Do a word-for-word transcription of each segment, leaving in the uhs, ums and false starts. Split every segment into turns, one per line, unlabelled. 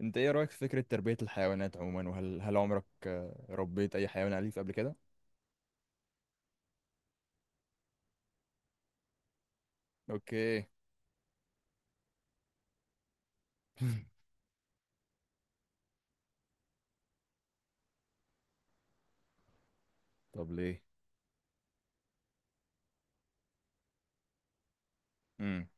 انت ايه رأيك في فكرة تربية الحيوانات عموما، وهل هل عمرك آه، ربيت اي حيوان أليف قبل كده؟ اوكي. طب ليه؟ امم.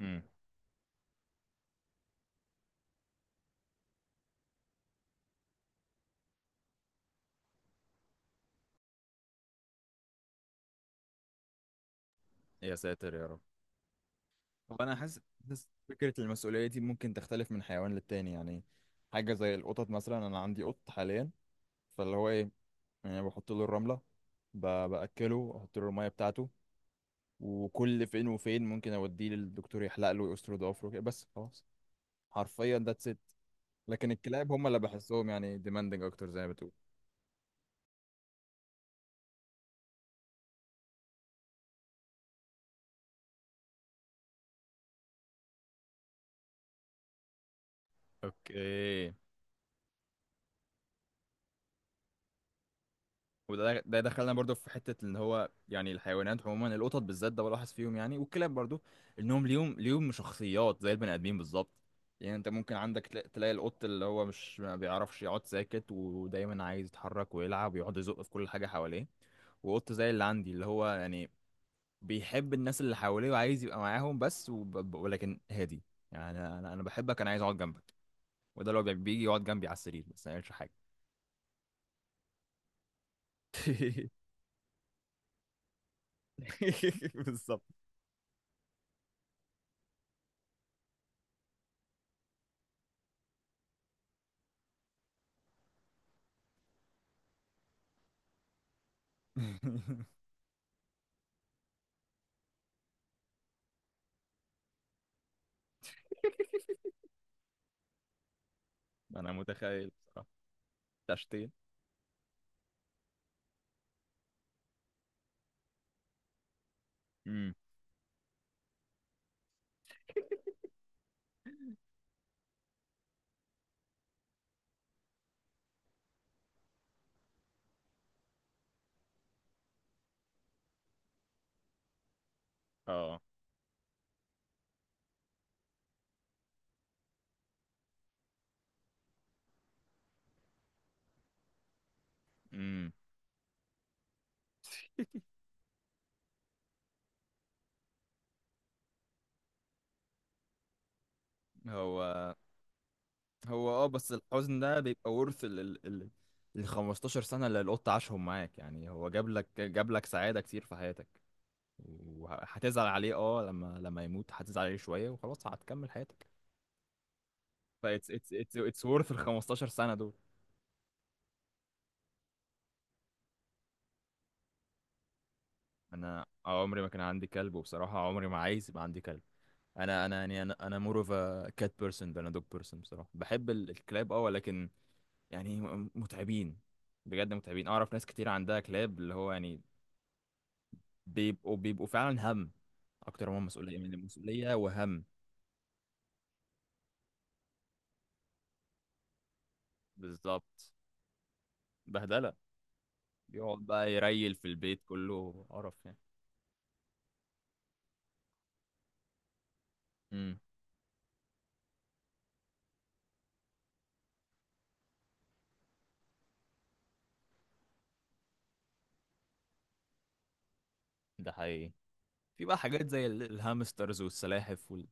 امم. يا ساتر يا رب. هو انا حاسس حاسس فكرة المسؤولية دي ممكن تختلف من حيوان للتاني يعني. حاجة زي القطط مثلا، انا عندي قط حاليا. فاللي هو ايه، يعني بحط له الرملة، ب- بأكله، احط له المية بتاعته. وكل فين وفين ممكن اوديه للدكتور يحلق له ويقصر ضوافره كده، بس خلاص. حرفيا ذاتس ات. لكن الكلاب هم اللي بحسهم يعني demanding اكتر زي ما بتقول. اوكي. وده ده دخلنا برضو في حته ان هو يعني الحيوانات عموما، القطط بالذات ده بلاحظ فيهم يعني، والكلاب برضو، انهم ليهم ليهم شخصيات زي البني ادمين بالظبط. يعني انت ممكن عندك تلا- تلاقي القط اللي هو مش ما بيعرفش يقعد ساكت، ودايما عايز يتحرك ويلعب ويقعد يزق في كل حاجه حواليه. وقط زي اللي عندي اللي هو يعني بيحب الناس اللي حواليه وعايز يبقى معاهم بس، وب... ولكن هادي. يعني انا انا أنا بحبك، انا عايز اقعد جنبك. وده اللي هو بيجي يقعد جنبي على السرير بس ما يعملش حاجه. بالظبط. انا متخيل بصراحه. تشتين. امم. اه. امم. هو. هو اه، بس الحزن ده بيبقى ورث ال ال ال ال خمسة عشر سنة سنه اللي القط عاشهم معاك يعني، هو جاب لك جاب لك سعاده كتير في حياتك. وهتزعل عليه اه، لما لما يموت هتزعل عليه شويه وخلاص هتكمل حياتك. ف it's it's it's it's worth ال خمستاشر سنة سنه دول. انا آه، عمري ما كان عندي كلب، وبصراحه عمري ما عايز يبقى عندي كلب. انا انا يعني انا انا مور اوف كات بيرسون than a dog person، بصراحه بحب ال- الكلاب اه، ولكن يعني م- متعبين. بجد متعبين، اعرف ناس كتير عندها كلاب اللي هو يعني بيبقوا بيبقوا فعلا هم اكتر ما هم مسؤوليه من المسؤوليه وهم. بالظبط. بهدله. بيقعد بقى يريل في البيت كله، قرف يعني. امم. ده حقيقي. في بقى حاجات زي ال- الهامسترز والسلاحف وال...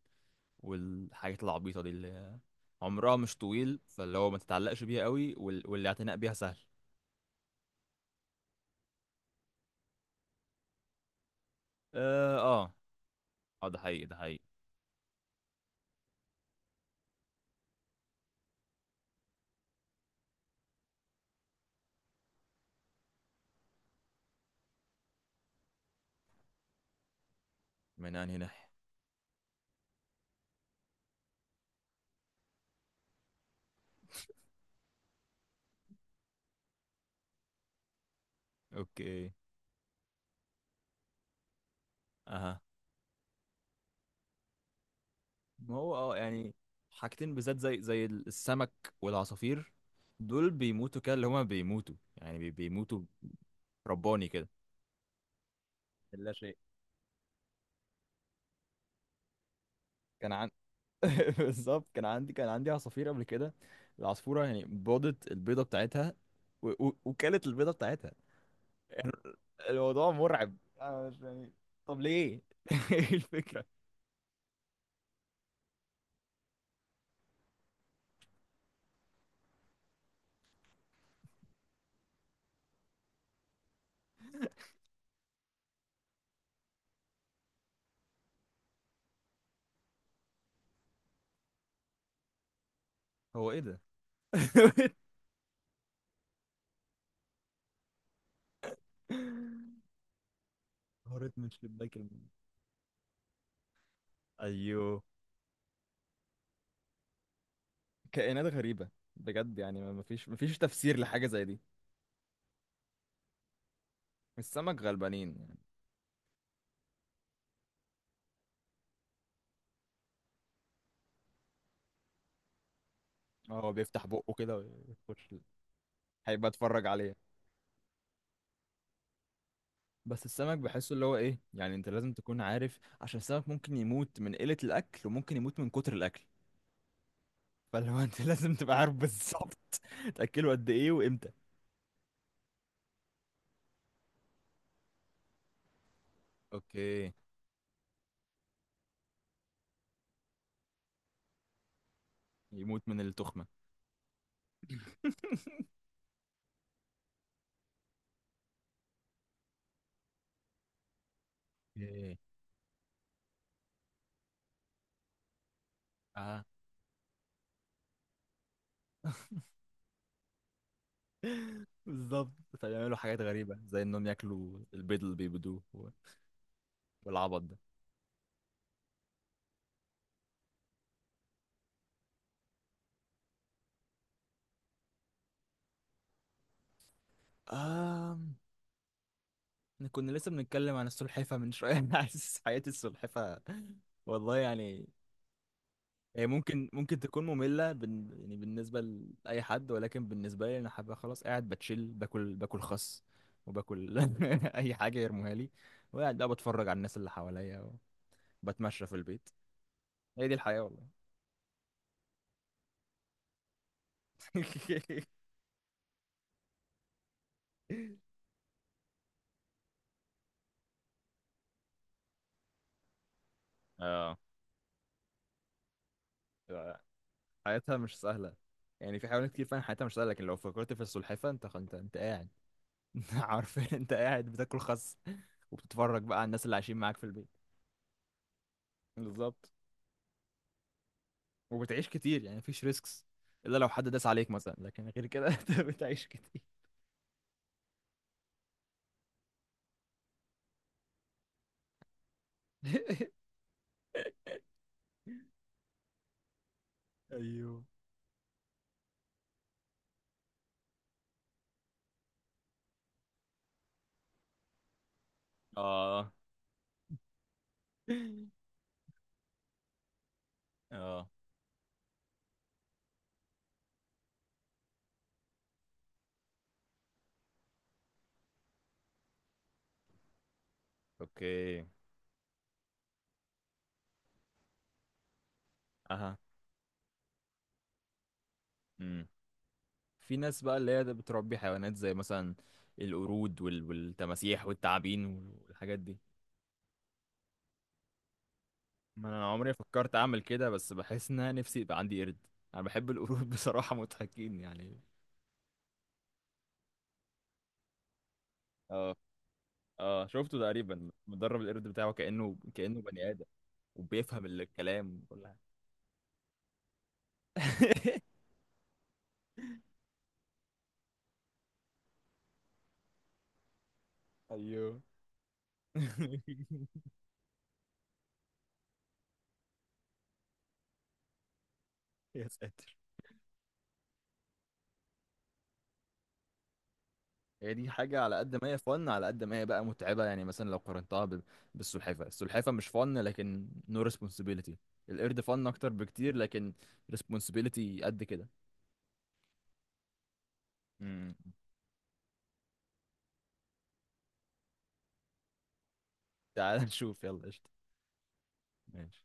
والحاجات العبيطه دي اللي عمرها مش طويل، فاللي هو ما تتعلقش بيها قوي، وال... والاعتناء بيها سهل. اه. اه. آه، ده حقيقي، ده حقيقي. من انهي ناحية؟ اوكي. اها. ما هو اه يعني، حاجتين بالذات زي زي السمك والعصافير، دول بيموتوا كده اللي هما بيموتوا يعني، بي- بيموتوا. رباني كده. لا شيء. كان عن. بالظبط، كان عندي كان عندي عصافير قبل كده. العصفورة يعني بيضت البيضة بتاعتها، و... و... وكلت البيضة بتاعتها. الموضوع مرعب، انا مش يعني. طب ليه؟ ايه الفكرة؟ هو ايه ده؟ هورت من شباك المنام. ايوه. كائنات غريبة. بجد يعني ما ما فيش ما فيش تفسير لحاجة زي دي. السمك غلبانين يعني. هو بيفتح بقه كده ويخش ال- هيبقى اتفرج عليه. بس السمك بحسه اللي هو ايه يعني، انت لازم تكون عارف عشان السمك ممكن يموت من قلة الاكل وممكن يموت من كتر الاكل. فاللي هو انت لازم تبقى عارف بالظبط تاكله قد ايه وامتى. اوكي. يموت من التخمة. ايه. اه. بالظبط. فبيعملوا حاجات غريبة زي انهم ياكلوا البيض اللي بيبيضوه و- والعبط ده. آم... إحنا كنا لسه بنتكلم عن السلحفة من شوية. أنا حاسس حياة السلحفة، والله يعني. هي ممكن ممكن تكون مملة بن... يعني بالنسبة لأي حد، ولكن بالنسبة لي أنا حابة خلاص، قاعد بتشيل باكل باكل خس، وباكل أي حاجة يرموها لي، وقاعد بقى بتفرج على الناس اللي حواليا، وبتمشى في البيت. هي دي الحياة والله. اه. حياتها مش سهله. يعني في حيوانات كتير فعلا حياتها مش سهله، لكن لو فكرت في السلحفاه انت انت انت قاعد. عارفين انت قاعد بتاكل خس، وبتتفرج بقى على الناس اللي عايشين معاك في البيت. بالظبط. وبتعيش كتير، يعني مفيش ريسكس الا لو حد داس عليك مثلا، لكن غير كده انت بتعيش كتير. ايوه. اه. اه. اوكي. اها. امم. في ناس بقى اللي هي بتربي حيوانات زي مثلا القرود وال... والتماسيح والتعابين والحاجات دي. ما انا عمري فكرت اعمل كده، بس بحس ان انا نفسي يبقى عندي قرد. انا بحب القرود، بصراحة مضحكين يعني. اه. اه شفته تقريبا، مدرب القرد بتاعه كأنه كأنه بني آدم، وبيفهم الكلام وكل حاجة. ايوه. يا ساتر. هي دي حاجة، على قد ما هي فن على قد ما هي بقى متعبة، يعني مثلا لو قارنتها ب- بالسلحفة السلحفة مش فن لكن نو responsibility. القرد فن اكتر بكتير، لكن responsibility قد كده. مم. تعال نشوف يلا قشطة. ماشي.